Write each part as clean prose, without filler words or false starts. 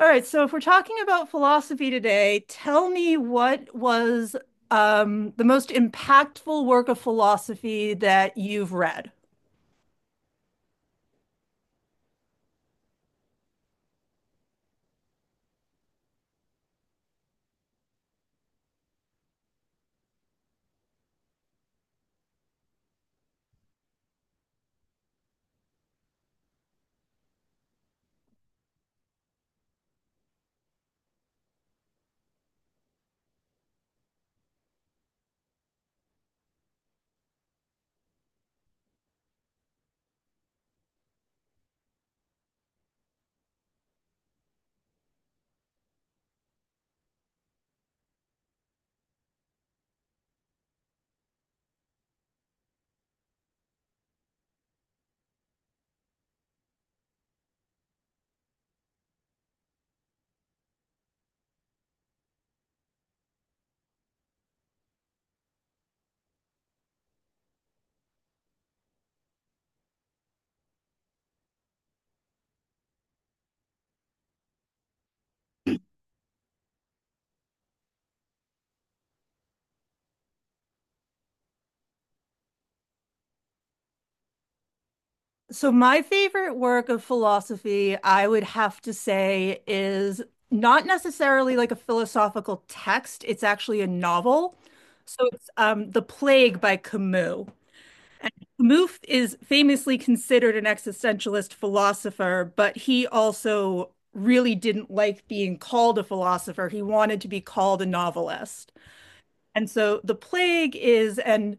All right, so if we're talking about philosophy today, tell me what was the most impactful work of philosophy that you've read? So my favorite work of philosophy, I would have to say, is not necessarily like a philosophical text. It's actually a novel. So it's The Plague by Camus. Camus is famously considered an existentialist philosopher, but he also really didn't like being called a philosopher. He wanted to be called a novelist. And so The Plague is an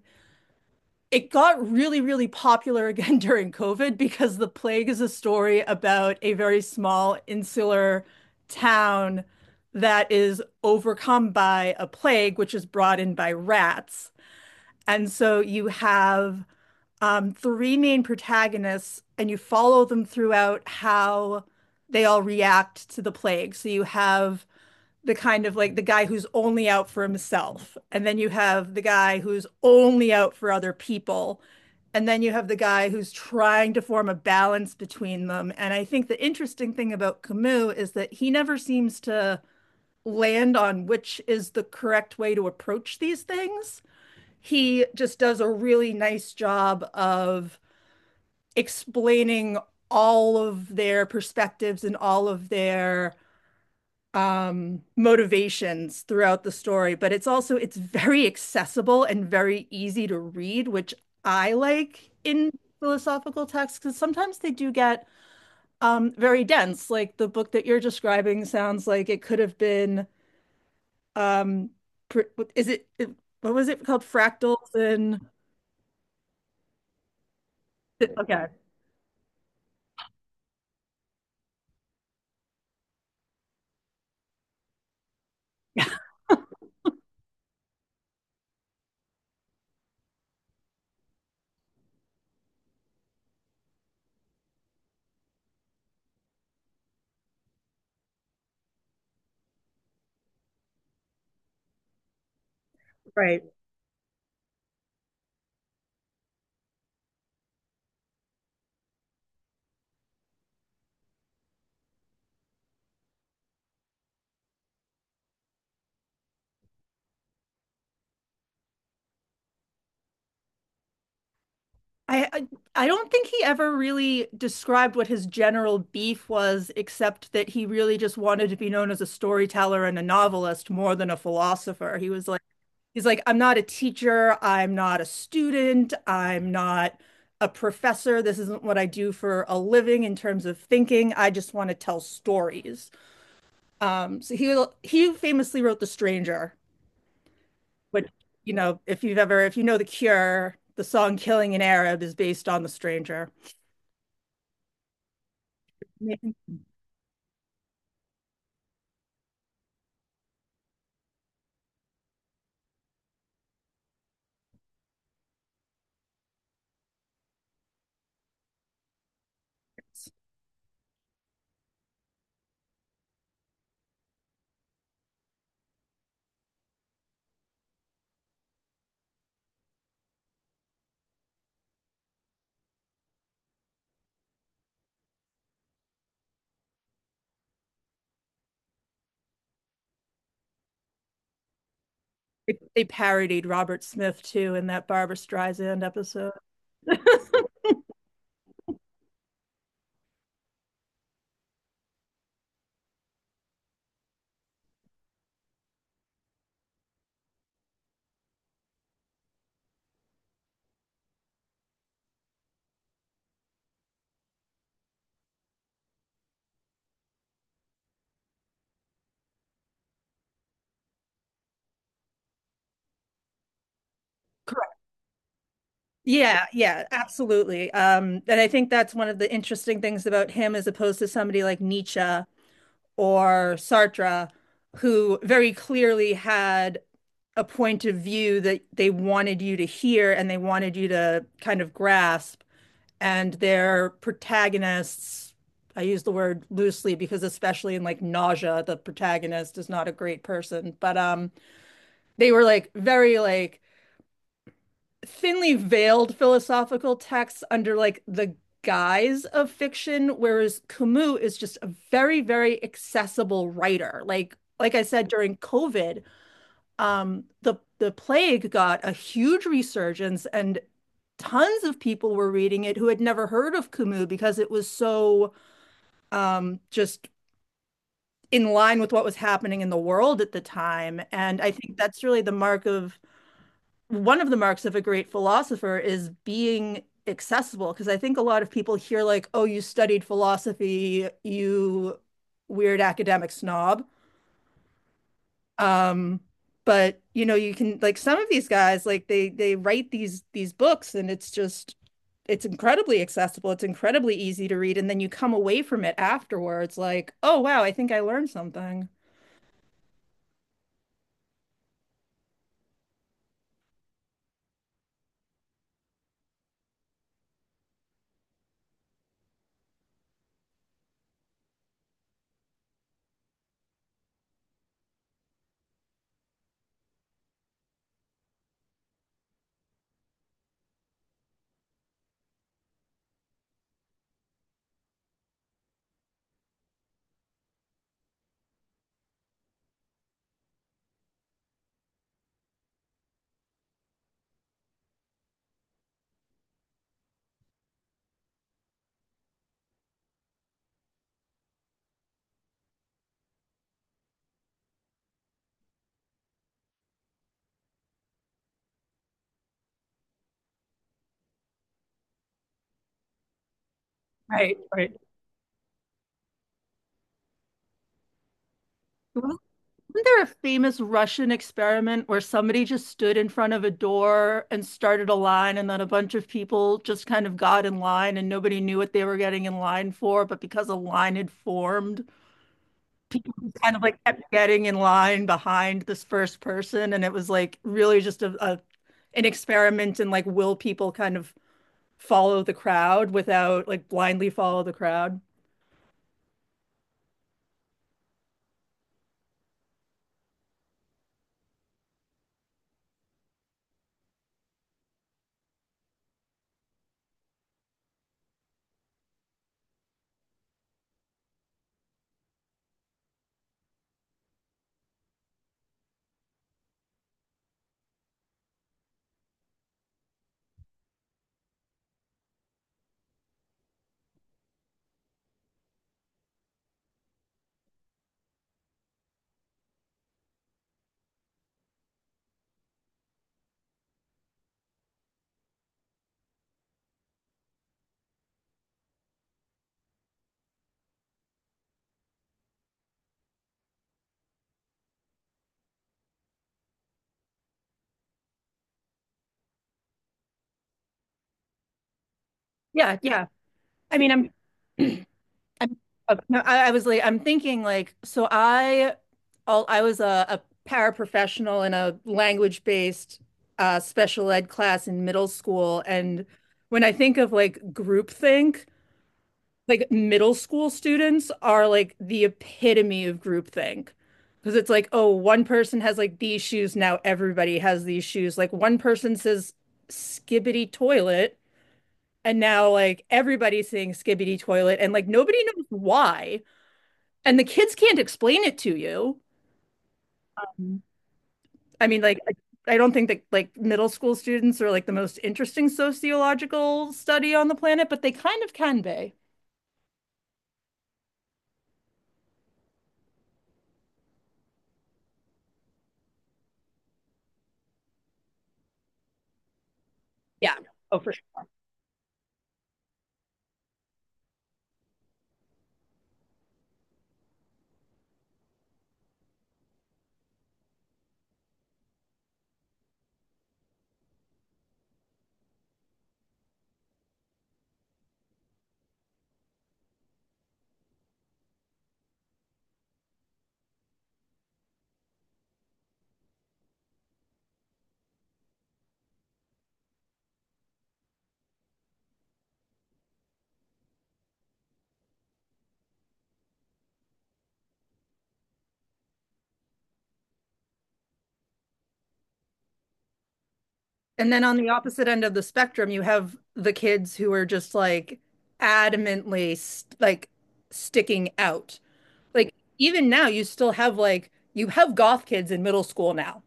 it got really, really popular again during COVID because The Plague is a story about a very small insular town that is overcome by a plague, which is brought in by rats. And so you have three main protagonists, and you follow them throughout how they all react to the plague. So you have the kind of like the guy who's only out for himself. And then you have the guy who's only out for other people. And then you have the guy who's trying to form a balance between them. And I think the interesting thing about Camus is that he never seems to land on which is the correct way to approach these things. He just does a really nice job of explaining all of their perspectives and all of their motivations throughout the story, but it's also it's very accessible and very easy to read, which I like in philosophical texts because sometimes they do get very dense, like the book that you're describing sounds like it could have been um is what was it called, fractals and okay? Right. I, I I don't think he ever really described what his general beef was, except that he really just wanted to be known as a storyteller and a novelist more than a philosopher. He's like, I'm not a teacher. I'm not a student. I'm not a professor. This isn't what I do for a living in terms of thinking. I just want to tell stories. So he famously wrote The Stranger, which, you know, if you've ever, if you know The Cure, the song Killing an Arab is based on The Stranger. They parodied Robert Smith too in that Barbra Streisand episode. Yeah, yeah, absolutely. And I think that's one of the interesting things about him as opposed to somebody like Nietzsche or Sartre, who very clearly had a point of view that they wanted you to hear and they wanted you to kind of grasp. And their protagonists, I use the word loosely because especially in like Nausea, the protagonist is not a great person, but they were like very like thinly veiled philosophical texts under like the guise of fiction, whereas Camus is just a very, very accessible writer. Like I said, during COVID, the plague got a huge resurgence, and tons of people were reading it who had never heard of Camus because it was so just in line with what was happening in the world at the time. And I think that's really the mark of one of the marks of a great philosopher is being accessible, because I think a lot of people hear like, oh, you studied philosophy, you weird academic snob. Um, but you know, you can like some of these guys, like they write these books and it's just it's incredibly accessible, it's incredibly easy to read, and then you come away from it afterwards like, oh wow, I think I learned something. Right, right. Well, isn't there a famous Russian experiment where somebody just stood in front of a door and started a line, and then a bunch of people just kind of got in line and nobody knew what they were getting in line for? But because a line had formed, people just kind of like kept getting in line behind this first person. And it was like really just a an experiment in like, will people kind of follow the crowd without, like, blindly follow the crowd? Yeah, yeah. I mean, I'm No, I was like, I'm thinking like, I was a paraprofessional in a language-based special ed class in middle school, and when I think of like groupthink, like middle school students are like the epitome of groupthink. Because it's like, oh, one person has like these shoes, now everybody has these shoes. Like one person says skibbity toilet, and now like everybody's saying skibbity toilet, and like nobody knows why and the kids can't explain it to you. Mhm. I mean, like, I I don't think that like middle school students are like the most interesting sociological study on the planet, but they kind of can be. Yeah. Oh, for- And then on the opposite end of the spectrum, you have the kids who are just like adamantly st- like sticking out. Like even now, you still have like you have goth kids in middle school now.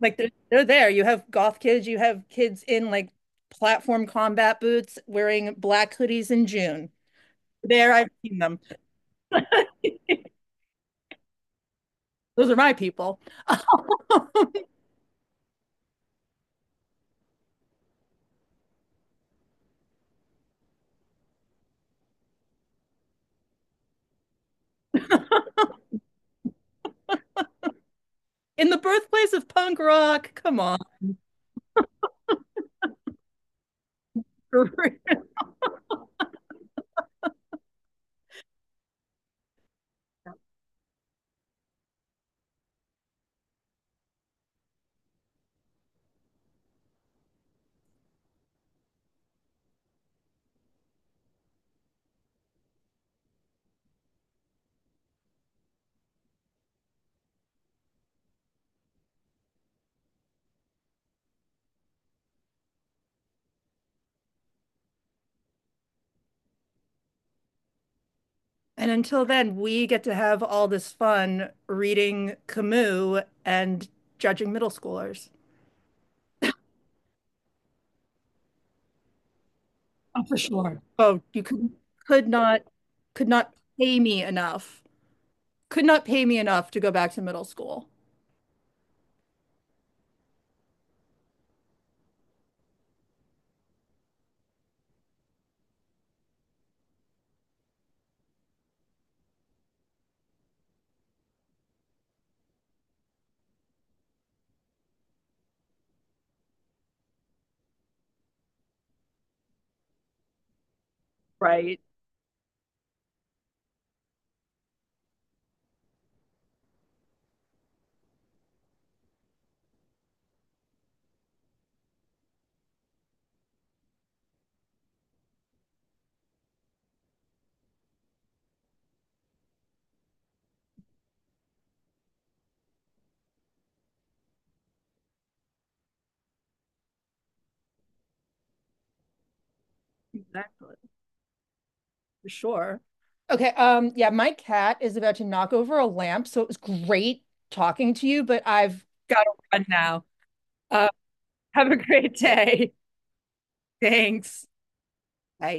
Like they're there. You have goth kids. You have kids in like platform combat boots wearing black hoodies in June. There, I've seen them. Those are my people. In the birthplace of punk rock. Come on. And until then, we get to have all this fun reading Camus and judging middle schoolers. Oh, you could not could not pay me enough could not pay me enough to go back to middle school. Right. Exactly. For sure. Okay. Yeah, my cat is about to knock over a lamp, so it was great talking to you, but I've got to run now. Uh, have a great day. Thanks. Bye.